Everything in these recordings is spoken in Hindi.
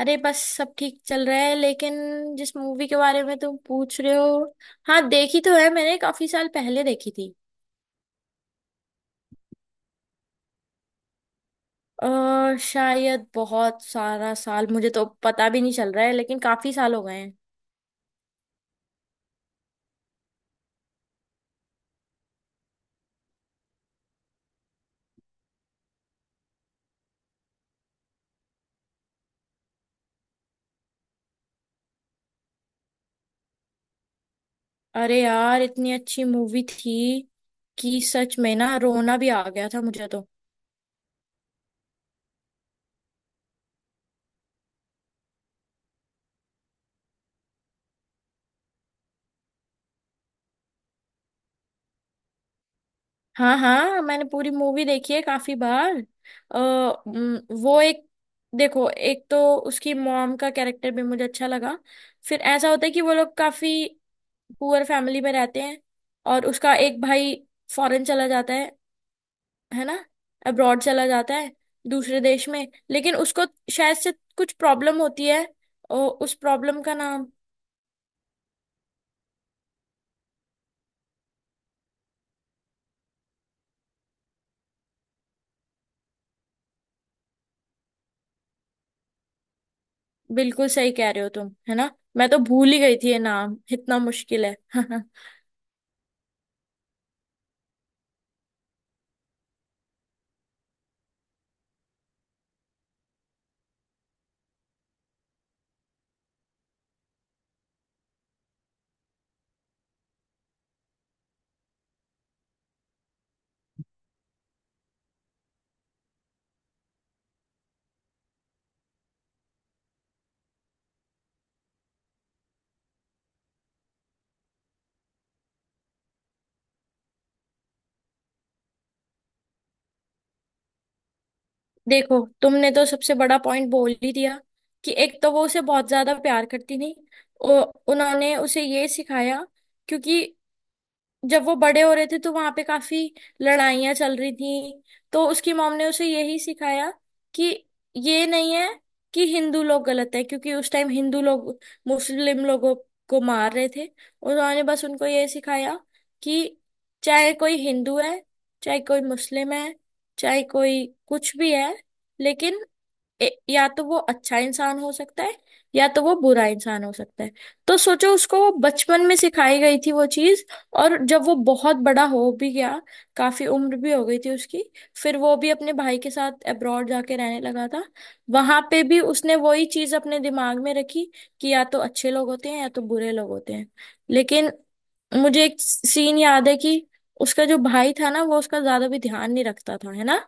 अरे बस सब ठीक चल रहा है, लेकिन जिस मूवी के बारे में तुम पूछ रहे हो, हाँ देखी तो है। मैंने काफी साल पहले देखी थी। और शायद बहुत सारा साल, मुझे तो पता भी नहीं चल रहा है, लेकिन काफी साल हो गए हैं। अरे यार, इतनी अच्छी मूवी थी कि सच में ना, रोना भी आ गया था मुझे तो। हाँ हाँ, मैंने पूरी मूवी देखी है काफी बार। वो एक, देखो, एक तो उसकी मॉम का कैरेक्टर भी मुझे अच्छा लगा। फिर ऐसा होता है कि वो लोग काफी पुअर फैमिली में रहते हैं। और उसका एक भाई फॉरेन चला जाता है ना, अब्रॉड चला जाता है, दूसरे देश में। लेकिन उसको शायद से कुछ प्रॉब्लम होती है। उस प्रॉब्लम का नाम, बिल्कुल सही कह रहे हो तुम, है ना। मैं तो भूल ही गई थी, ये नाम इतना मुश्किल है। देखो, तुमने तो सबसे बड़ा पॉइंट बोल ही दिया कि एक तो वो उसे बहुत ज्यादा प्यार करती थी। ओ, उन्होंने उसे ये सिखाया क्योंकि जब वो बड़े हो रहे थे तो वहां पे काफी लड़ाइयां चल रही थी। तो उसकी मॉम ने उसे यही सिखाया कि ये नहीं है कि हिंदू लोग गलत है। क्योंकि उस टाइम हिंदू लोग मुस्लिम लोगों को मार रहे थे, और उन्होंने बस उनको ये सिखाया कि चाहे कोई हिंदू है, चाहे कोई मुस्लिम है, चाहे कोई कुछ भी है, लेकिन या तो वो अच्छा इंसान हो सकता है या तो वो बुरा इंसान हो सकता है। तो सोचो, उसको वो बचपन में सिखाई गई थी वो चीज। और जब वो बहुत बड़ा हो भी गया, काफी उम्र भी हो गई थी उसकी, फिर वो भी अपने भाई के साथ अब्रॉड जाके रहने लगा था। वहां पे भी उसने वही चीज अपने दिमाग में रखी कि या तो अच्छे लोग होते हैं या तो बुरे लोग होते हैं। लेकिन मुझे एक सीन याद है कि उसका जो भाई था ना, वो उसका ज्यादा भी ध्यान नहीं रखता था, है ना।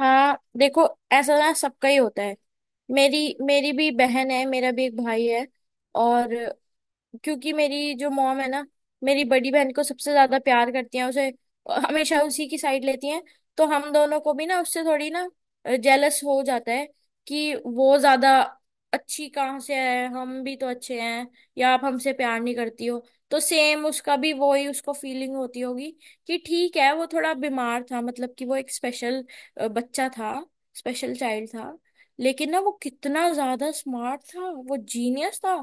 हाँ, देखो, ऐसा ना सबका ही होता है। मेरी मेरी भी बहन है, मेरा भी एक भाई है। और क्योंकि मेरी जो मॉम है ना, मेरी बड़ी बहन को सबसे ज्यादा प्यार करती हैं, उसे हमेशा उसी की साइड लेती हैं। तो हम दोनों को भी ना उससे थोड़ी ना जेलस हो जाता है कि वो ज्यादा अच्छी कहाँ से है, हम भी तो अच्छे हैं, या आप हमसे प्यार नहीं करती हो। तो सेम उसका भी वो ही उसको फीलिंग होती होगी कि ठीक है, वो थोड़ा बीमार था, मतलब कि वो एक स्पेशल बच्चा था, स्पेशल चाइल्ड था। लेकिन ना, वो कितना ज्यादा स्मार्ट था, वो जीनियस था।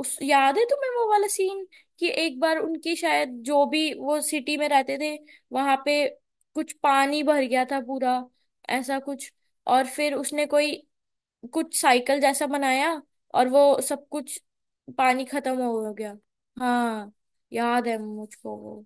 उस, याद है तुम्हें वो वाला सीन कि एक बार उनकी, शायद जो भी वो सिटी में रहते थे वहां पे, कुछ पानी भर गया था पूरा, ऐसा कुछ। और फिर उसने कोई कुछ साइकिल जैसा बनाया, और वो सब कुछ, पानी खत्म हो गया। हाँ, याद है मुझको वो।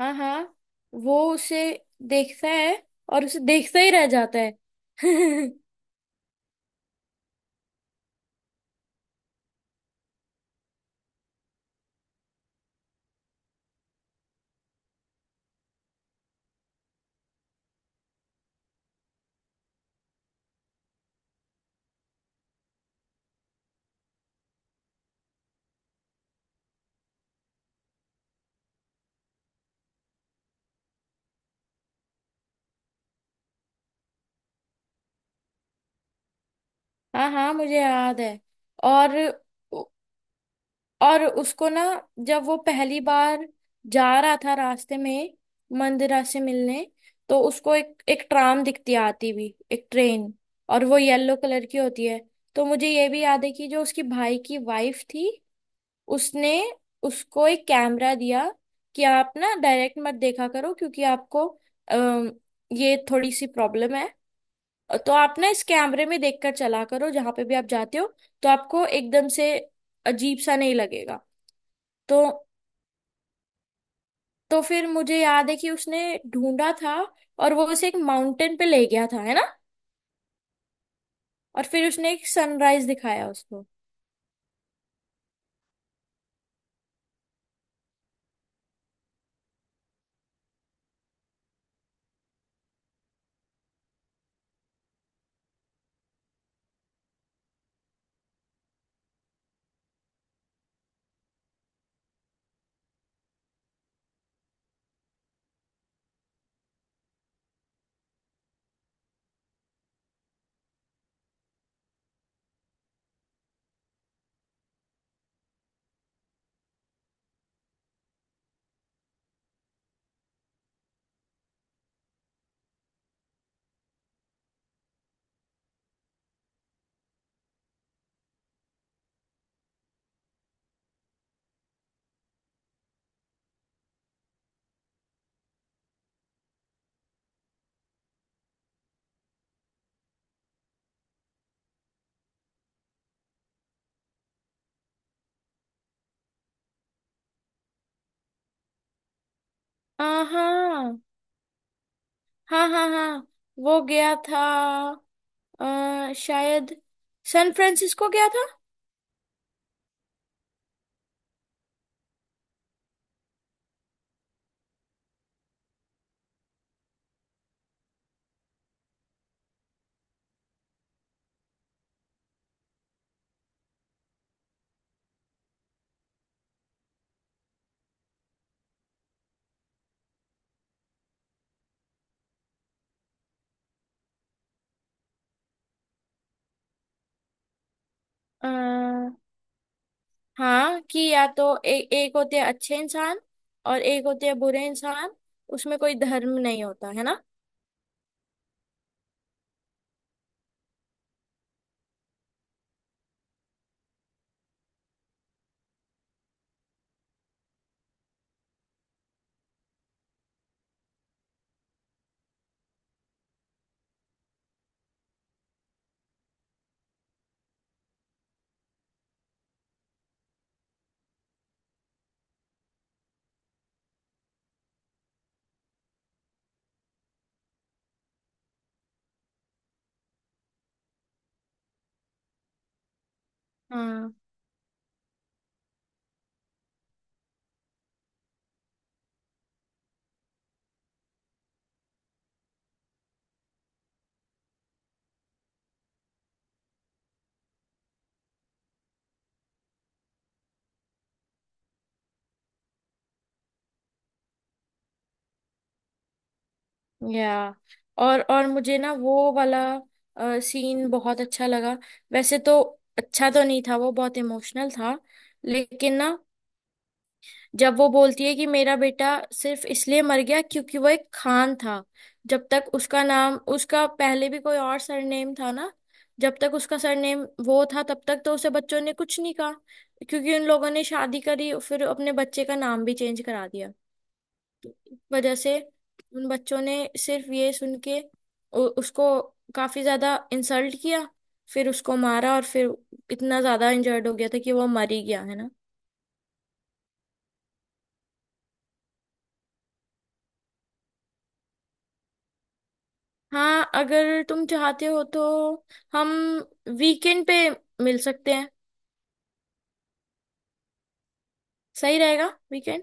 हाँ हाँ, वो उसे देखता है और उसे देखता ही रह जाता है। हाँ हाँ, मुझे याद है। और और उसको ना, जब वो पहली बार जा रहा था रास्ते में, मंदिरा से मिलने, तो उसको एक एक ट्राम दिखती है, आती भी एक ट्रेन, और वो येलो कलर की होती है। तो मुझे ये भी याद है कि जो उसकी भाई की वाइफ थी, उसने उसको एक कैमरा दिया कि आप ना डायरेक्ट मत देखा करो क्योंकि आपको ये थोड़ी सी प्रॉब्लम है। तो आप ना इस कैमरे में देखकर चला करो जहां पे भी आप जाते हो, तो आपको एकदम से अजीब सा नहीं लगेगा। तो तो फिर मुझे याद है कि उसने ढूंढा था, और वो उसे एक माउंटेन पे ले गया था, है ना। और फिर उसने एक सनराइज दिखाया उसको। हाँ हाँ हाँ। हाँ, वो गया था, शायद सैन फ्रांसिस्को गया था। आ, हाँ, कि या तो एक होते हैं अच्छे इंसान और एक होते हैं बुरे इंसान। उसमें कोई धर्म नहीं होता, है ना। हाँ। या, और मुझे ना वो वाला सीन बहुत अच्छा लगा। वैसे तो अच्छा तो नहीं था, वो बहुत इमोशनल था, लेकिन ना, जब वो बोलती है कि मेरा बेटा सिर्फ इसलिए मर गया क्योंकि वो एक खान था। जब तक उसका नाम, उसका पहले भी कोई और सरनेम था ना, जब तक उसका सरनेम वो था, तब तक तो उसे बच्चों ने कुछ नहीं कहा। क्योंकि उन लोगों ने शादी करी, फिर अपने बच्चे का नाम भी चेंज करा दिया, वजह से उन बच्चों ने सिर्फ ये सुन के उसको काफी ज्यादा इंसल्ट किया, फिर उसको मारा, और फिर इतना ज्यादा इंजर्ड हो गया था कि वो मर ही गया, है ना। हाँ, अगर तुम चाहते हो तो हम वीकेंड पे मिल सकते हैं। सही रहेगा वीकेंड।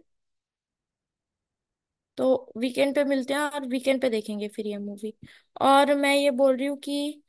तो वीकेंड पे मिलते हैं, और वीकेंड पे देखेंगे फिर ये मूवी। और मैं ये बोल रही हूँ कि